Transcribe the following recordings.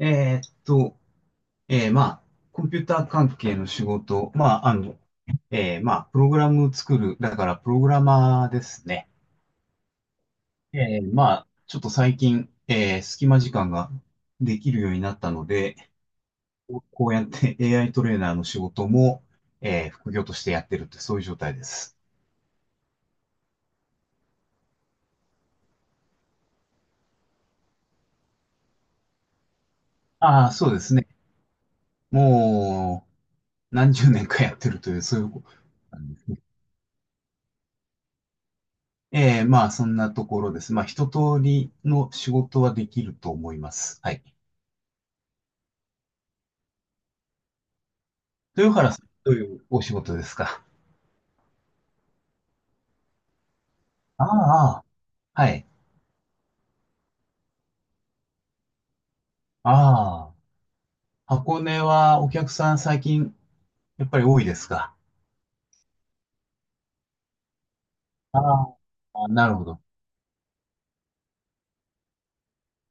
えーっと、まあ、コンピューター関係の仕事、まあ、まあ、プログラム作る、だからプログラマーですね。まあ、ちょっと最近、隙間時間ができるようになったので、こうやって AI トレーナーの仕事も、副業としてやってるって、そういう状態です。ああ、そうですね。もう、何十年かやってるという、そういうことなんですね。ええ、まあ、そんなところです。まあ、一通りの仕事はできると思います。はい。豊原さん、どういうお仕事ですか？ああ、はい。ああ、箱根はお客さん最近、やっぱり多いですか？ああ、なるほど。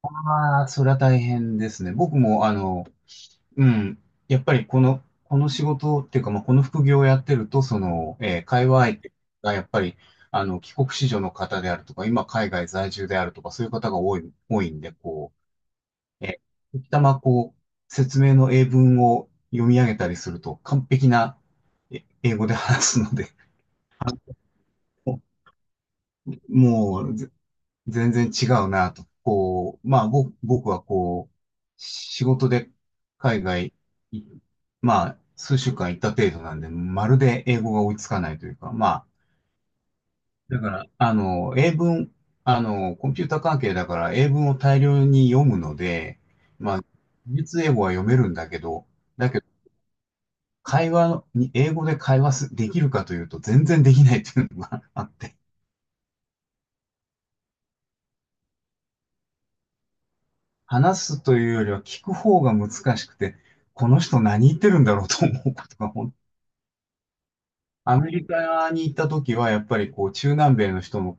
ああ、それは大変ですね。僕も、あの、うん。やっぱりこの仕事っていうか、まあ、この副業をやってると、その、会話相手がやっぱり、あの、帰国子女の方であるとか、今海外在住であるとか、そういう方が多いんで、こう、時たまこう、説明の英文を読み上げたりすると、完璧な英語で話すので、もう、全然違うなと。こう、まあ、僕はこう、仕事で海外い、まあ、数週間行った程度なんで、まるで英語が追いつかないというか、まあ、だから、あの、英文、あの、コンピューター関係だから英文を大量に読むので、まあ、実英語は読めるんだけど、だけど、会話に、英語で会話す、できるかというと全然できないっていうのが あって。話すというよりは聞く方が難しくて、この人何言ってるんだろうと思うことがアメリカに行った時は、やっぱりこう、中南米の人の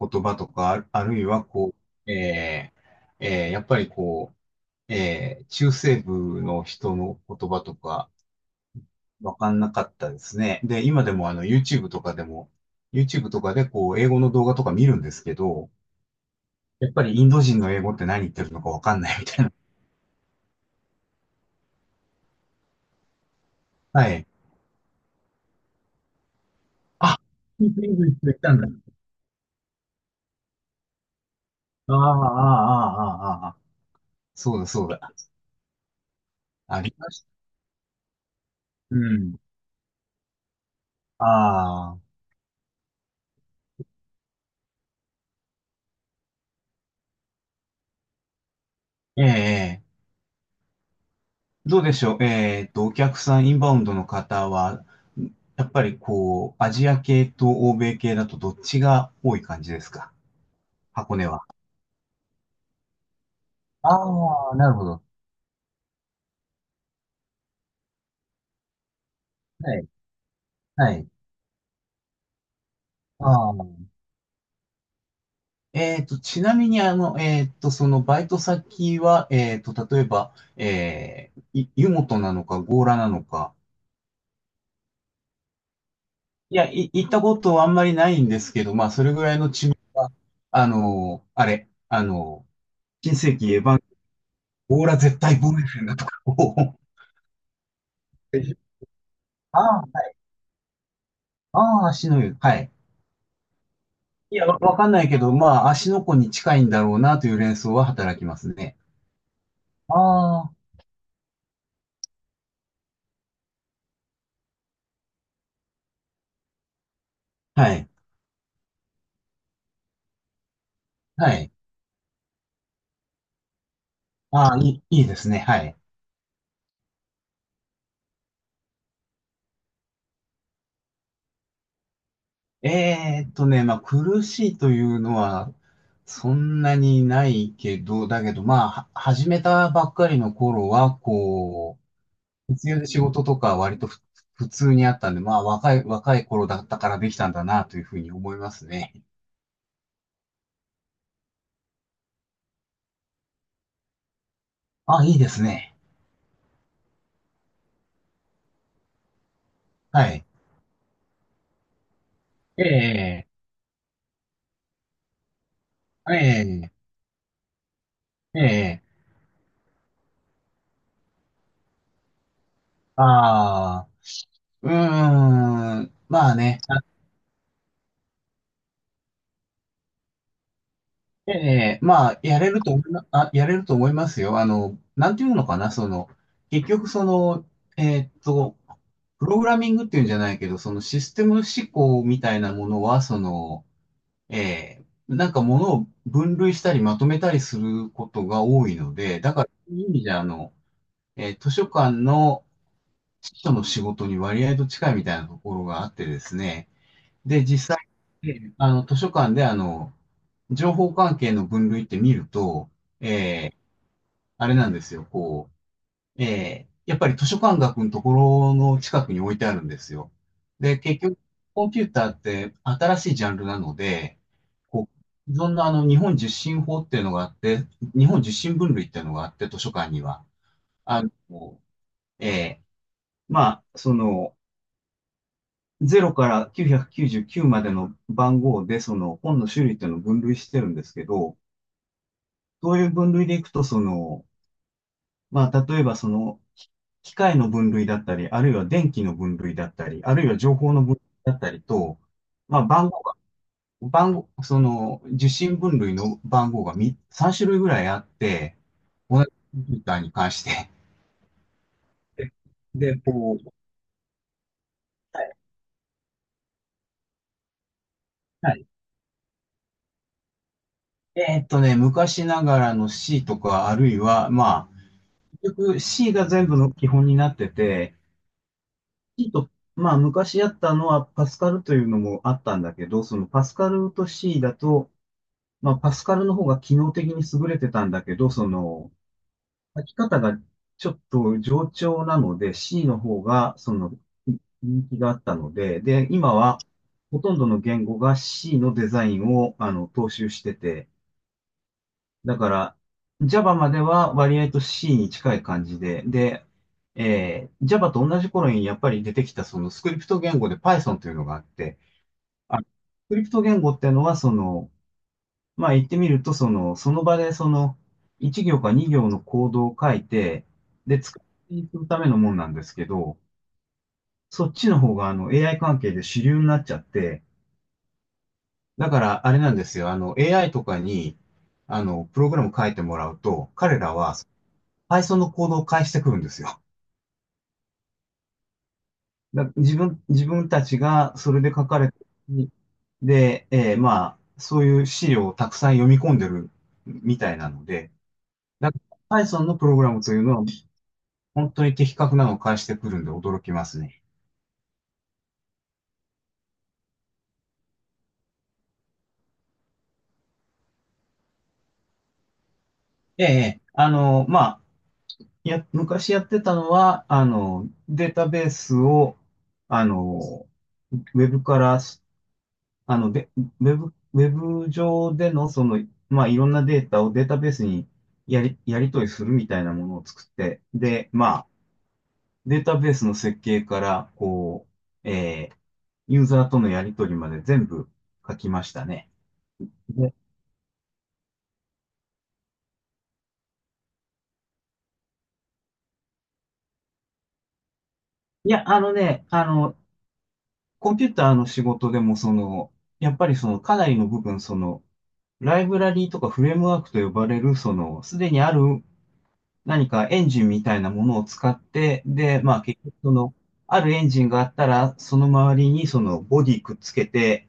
言葉とか、あるいはこう、やっぱりこう、中西部の人の言葉とか、わかんなかったですね。で、今でもあの、YouTube とかでこう、英語の動画とか見るんですけど、やっぱりインド人の英語って何言ってるのかわかんないみたいな。はい。あ、インド人の人いたんだ。ああ、ああ、ああ、ああ。そうだ、そうだ。ありました。うん。ああ、ええ、えどうでしょう。お客さん、インバウンドの方は、やっぱりこう、アジア系と欧米系だとどっちが多い感じですか？箱根は。ああ、なるほど。はい、はい。ああ、ちなみに、あの、そのバイト先は、例えば、湯本なのか、強羅なのか、いや、行ったことはあんまりないんですけど、まあ、それぐらいの知名、あの、あれ、あの、新世紀エヴァン、オーラ絶対ボーエンだとかを、こう ああ、はい、ああ、足の湯、はい。いや、わかんないけど、まあ、足の子に近いんだろうなという連想は働きますね。ああ、はい、はい。ああ、いいですね、はい。まあ、苦しいというのは、そんなにないけど、だけど、まあ、始めたばっかりの頃は、こう、必要で仕事とかは割と普通にあったんで、まあ若い頃だったからできたんだなというふうに思いますね。あ、いいですね。はい。ええ、ええ、ええ、ああ、うーん、まあね、あ。ええ、まあ、やれると思いますよ。あの、なんていうのかな、その、結局その、えーっと、プログラミングっていうんじゃないけど、そのシステム思考みたいなものは、その、ええ、なんか物を分類したりまとめたりすることが多いので、だからそういう意味じゃ、あの、図書館の司書の仕事に割合と近いみたいなところがあってですね、で、実際、図書館で情報関係の分類って見ると、えーあれなんですよ、こう、ええ、やっぱり図書館学のところの近くに置いてあるんですよ。で、結局、コンピューターって新しいジャンルなので、こう、既あの、日本受信法っていうのがあって、日本受信分類っていうのがあって、図書館には。あの、ええ、まあ、その、0から999までの番号で、その、本の種類っていうのを分類してるんですけど、そういう分類でいくと、その、まあ、例えばその、機械の分類だったり、あるいは電気の分類だったり、あるいは情報の分類だったりと、まあ、番号が、番号、その、受信分類の番号が3種類ぐらいあって、同じコンピューターに関して。で、こう、はいはい。昔ながらの C とか、あるいは、まあ、結局 C が全部の基本になってて、C と、まあ、昔やったのはパスカルというのもあったんだけど、そのパスカルと C だと、まあ、パスカルの方が機能的に優れてたんだけど、その、書き方がちょっと冗長なので、C の方が、その、人気があったので、で、今は、ほとんどの言語が C のデザインを、あの、踏襲してて、だから、Java までは割合と C に近い感じで、で、Java と同じ頃にやっぱり出てきたそのスクリプト言語で Python というのがあって、スクリプト言語っていうのはそのまあ言ってみると、その、その場でその、1行か2行のコードを書いて、で、使っていくためのもんなんですけど、そっちの方があの AI 関係で主流になっちゃって、だからあれなんですよ、あの AI とかに、あの、プログラム書いてもらうと、彼らは Python のコードを返してくるんですよ。自分たちがそれで書かれて、で、まあ、そういう資料をたくさん読み込んでるみたいなので、だから Python のプログラムというのは本当に的確なのを返してくるんで驚きますね。ええ、あの、まあ、昔やってたのは、あの、データベースを、あの、ウェブから、あの、で、ウェブ上での、その、まあ、いろんなデータをデータベースにやり取りするみたいなものを作って、で、まあ、データベースの設計から、こう、ユーザーとのやり取りまで全部書きましたね。で、いや、あのね、あの、コンピューターの仕事でも、その、やっぱりその、かなりの部分、その、ライブラリーとかフレームワークと呼ばれる、その、すでにある何かエンジンみたいなものを使って、で、まあ結局その、あるエンジンがあったら、その周りにそのボディくっつけて、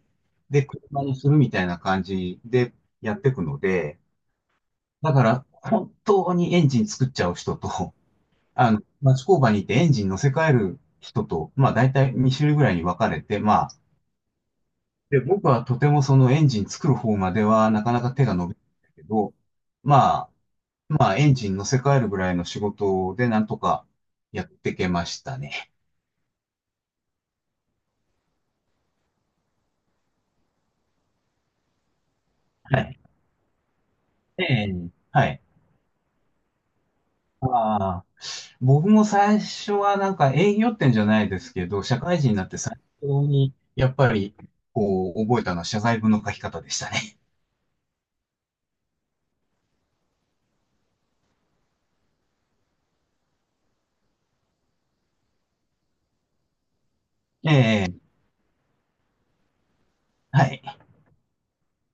で、車にするみたいな感じでやっていくので、だから本当にエンジン作っちゃう人と、あの、町工場に行ってエンジン乗せ替える人と、まあ大体2種類ぐらいに分かれて、まあ、で、僕はとてもそのエンジン作る方まではなかなか手が伸びないけど、まあ、まあエンジン乗せ替えるぐらいの仕事でなんとかやってけましたね。はい。ええ。はい。ああ、僕も最初はなんか営業ってんじゃないですけど、社会人になって最初にやっぱりこう覚えたのは謝罪文の書き方でしたね。ええ。はい。